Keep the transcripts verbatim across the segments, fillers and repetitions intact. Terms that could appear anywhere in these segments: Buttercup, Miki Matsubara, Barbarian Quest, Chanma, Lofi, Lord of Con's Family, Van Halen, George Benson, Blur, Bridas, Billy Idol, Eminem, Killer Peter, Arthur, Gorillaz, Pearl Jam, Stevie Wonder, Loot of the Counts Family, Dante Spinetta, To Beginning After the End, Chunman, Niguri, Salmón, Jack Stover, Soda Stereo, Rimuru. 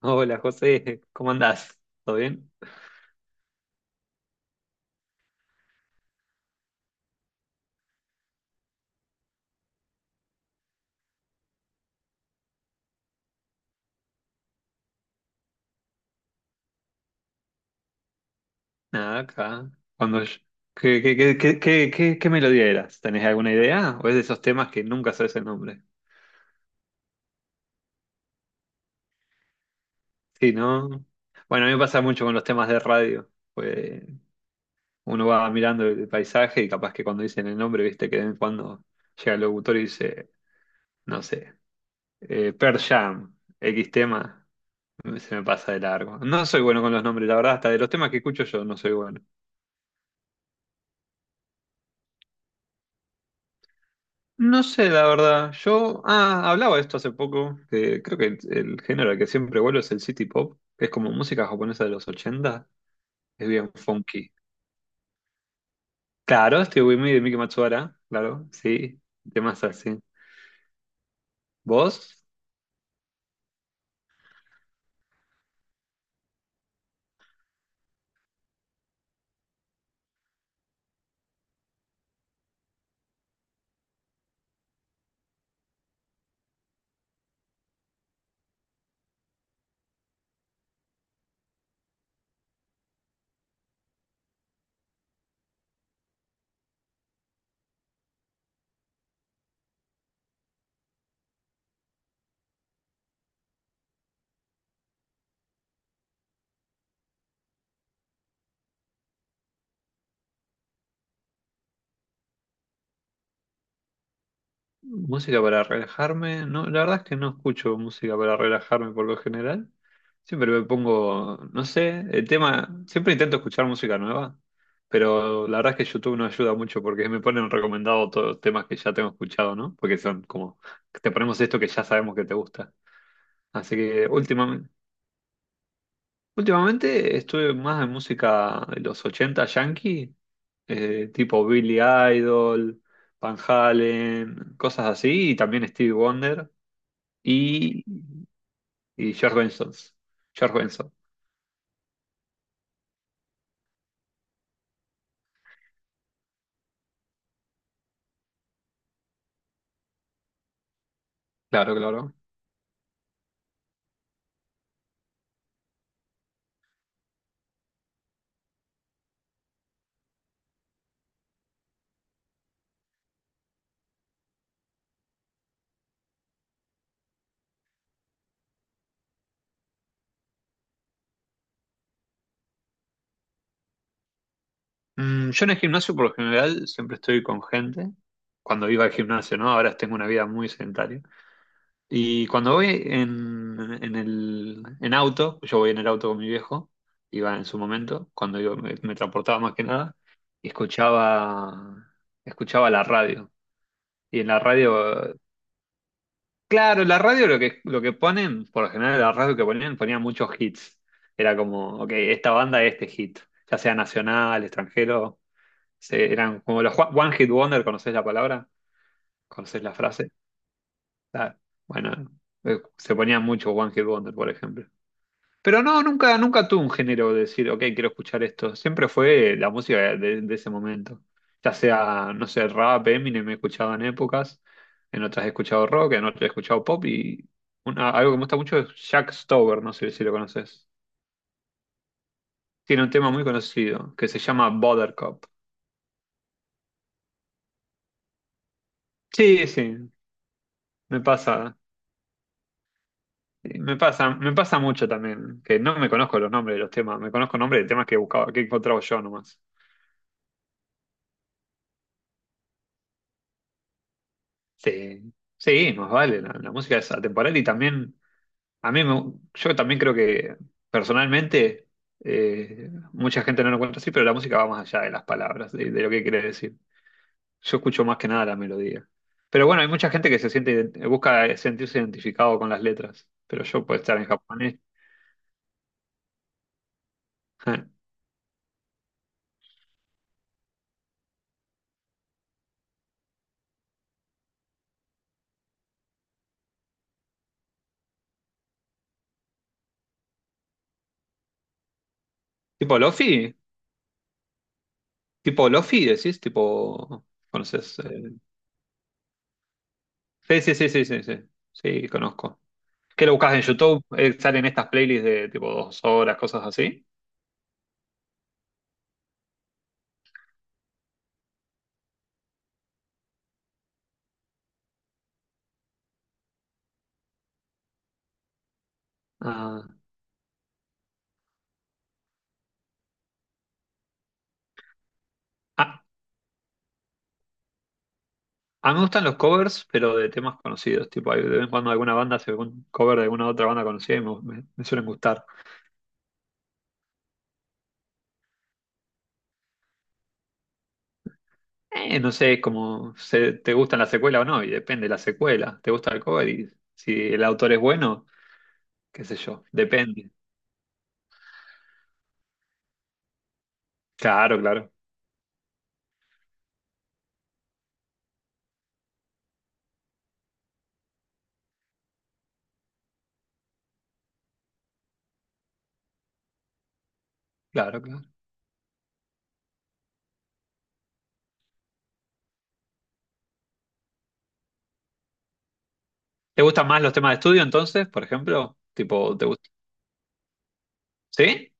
Hola José, ¿cómo andás? ¿Todo bien? Nada, acá. Cuando yo- ¿Qué, qué, qué, qué, qué, qué- qué melodía eras? ¿Tenés alguna idea? ¿O es de esos temas que nunca sabes el nombre? Sí, ¿no? Bueno, a mí me pasa mucho con los temas de radio. Pues uno va mirando el paisaje y capaz que cuando dicen el nombre, viste que de vez en cuando llega el locutor y dice, no sé, eh, Pearl Jam, X tema, se me pasa de largo. No soy bueno con los nombres, la verdad, hasta de los temas que escucho yo no soy bueno. No sé, la verdad. Yo ah, hablaba de esto hace poco, que creo que el género al que siempre vuelvo es el city pop, que es como música japonesa de los ochenta, es bien funky. Claro, Stevie Wonder de Miki Matsubara, claro, sí, temas así. ¿Vos? Música para relajarme. No, la verdad es que no escucho música para relajarme por lo general. Siempre me pongo, no sé, el tema, siempre intento escuchar música nueva, pero la verdad es que YouTube no ayuda mucho porque me ponen recomendado todos los temas que ya tengo escuchado, ¿no? Porque son como, te ponemos esto que ya sabemos que te gusta. Así que últimamente, últimamente estuve más en música de los ochenta yankee, eh, tipo Billy Idol, Van Halen, cosas así, y también Stevie Wonder y, y George Benson. George Benson, claro, claro. Mm, yo en el gimnasio por lo general siempre estoy con gente. Cuando iba al gimnasio, ¿no? Ahora tengo una vida muy sedentaria. Y cuando voy en, en el en auto, yo voy en el auto con mi viejo, iba en su momento, cuando yo me, me transportaba más que nada, y escuchaba, escuchaba la radio. Y en la radio claro, la radio lo que, lo que ponen, por lo general la radio que ponían, ponían muchos hits. Era como, ok, esta banda este hit, ya sea nacional, extranjero, se- eran como los one one hit wonder, ¿conocés la palabra? ¿Conocés la frase? Claro. Bueno, eh, se ponían mucho one hit wonder, por ejemplo. Pero no, nunca, nunca tuve un género de decir, ok, quiero escuchar esto. Siempre fue la música de, de ese momento. Ya sea, no sé, rap, Eminem me escuchado en épocas, en otras he escuchado rock, en otras he escuchado pop y una- algo que me gusta mucho es Jack Stover, no sé si lo conoces. Tiene un tema muy conocido que se llama Buttercup. Sí, sí, me pasa. Me pasa, me pasa mucho también, que no me conozco los nombres de los temas, me conozco nombres de temas que buscaba, que encontraba yo nomás. Sí, sí, más vale, la, la música es atemporal y también, a mí, me- yo también creo que personalmente, eh, mucha gente no lo encuentra así, pero la música va más allá de las palabras, de, de lo que quiere decir. Yo escucho más que nada la melodía. Pero bueno, hay mucha gente que se siente, busca sentirse identificado con las letras, pero yo puedo estar en japonés. ¿Tipo Lofi? ¿Tipo Lofi decís? ¿Tipo, conoces? eh? Sí, sí, sí, sí, sí, sí, sí, conozco. ¿Qué lo buscas en YouTube? Eh, ¿Salen estas playlists de tipo dos horas, cosas así? Ah, Ah, a mí me gustan los covers, pero de temas conocidos. Tipo, hay- de vez en cuando alguna banda hace un cover de alguna otra banda conocida y me, me- me suelen gustar. Eh, no sé, cómo se, te gustan la secuela o no, y depende de la secuela. ¿Te gusta el cover? Y si el autor es bueno, qué sé yo, depende. Claro, claro, claro, claro. ¿Te gustan más los temas de estudio entonces, por ejemplo? Tipo, ¿te gusta? ¿Sí?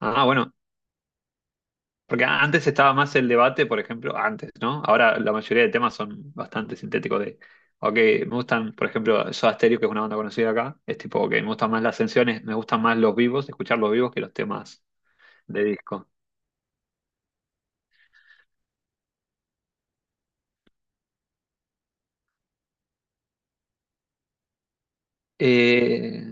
Ah, bueno. Porque antes estaba más el debate, por ejemplo, antes, ¿no? Ahora la mayoría de temas son bastante sintéticos de, ok, me gustan, por ejemplo, Soda Stereo, que es una banda conocida acá, es tipo, ok, me gustan más las canciones, me gustan más los vivos, escuchar los vivos que los temas de disco. Eh,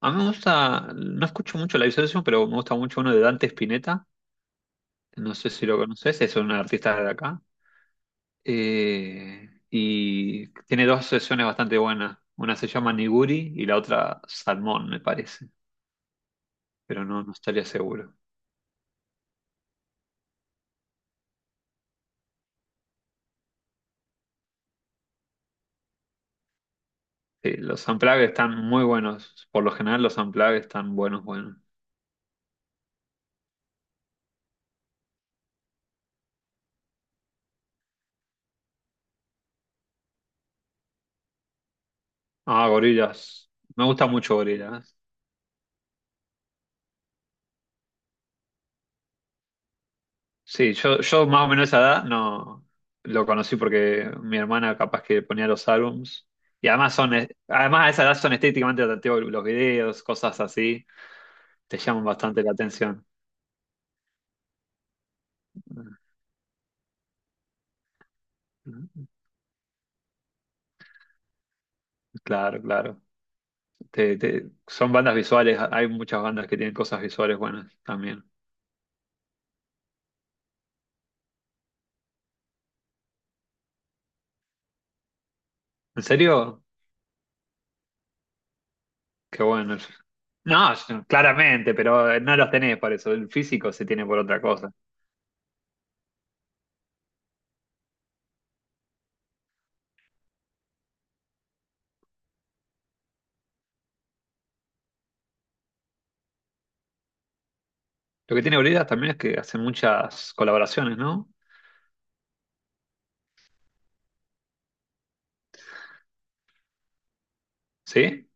a mí me gusta, no escucho mucho la Session, pero me gusta mucho uno de Dante Spinetta, no sé si lo conoces, es un artista de acá. Eh, y tiene dos sesiones bastante buenas, una se llama Niguri y la otra Salmón, me parece, pero no, no estaría seguro. Sí, los Unplugged están muy buenos. Por lo general los Unplugged están buenos, buenos. Ah, Gorillaz. Me gusta mucho Gorillaz. Sí, yo, yo más o menos esa edad no lo conocí porque mi hermana capaz que ponía los álbums. Y además son, eh, además a esa edad son estéticamente atractivos los videos, cosas así, te llaman bastante la atención. Claro, claro. Te- te- son bandas visuales, hay muchas bandas que tienen cosas visuales buenas también. ¿En serio? Qué bueno. No, yo- claramente, pero eh, no los tenés para eso. El físico se tiene por otra cosa. Lo que tiene Bridas también es que hace muchas colaboraciones, ¿no? ¿Sí?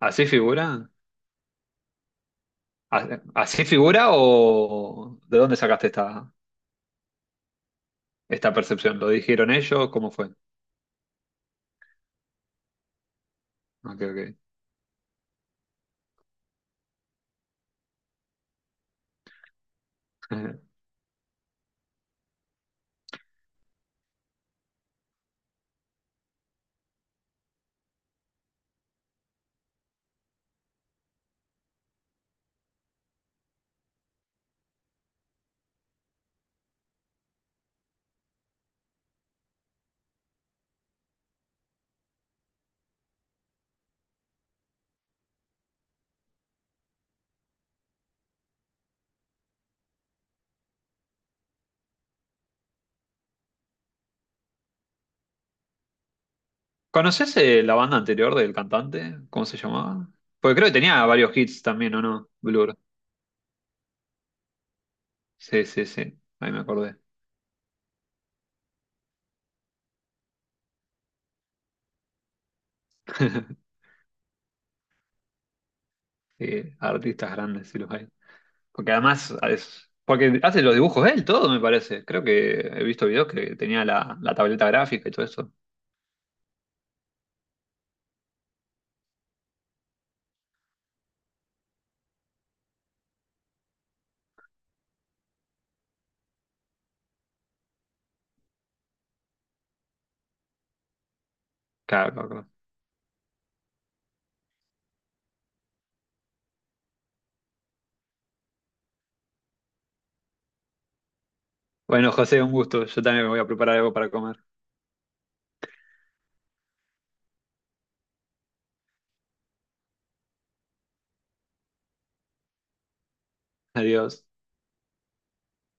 ¿Así figura? ¿A- ¿Así figura o de dónde sacaste esta, esta percepción? ¿Lo dijeron ellos? ¿Cómo fue? Ok, ok. ¿Conoces eh, la banda anterior del cantante? ¿Cómo se llamaba? Porque creo que tenía varios hits también, ¿o no? Blur. Sí, sí, sí. Ahí me acordé. Sí, artistas grandes, sí los hay. Porque además es, porque hace los dibujos él, todo me parece. Creo que he visto videos que tenía la, la tableta gráfica y todo eso. Claro, claro, claro. Bueno, José, un gusto. Yo también me voy a preparar algo para comer. Adiós.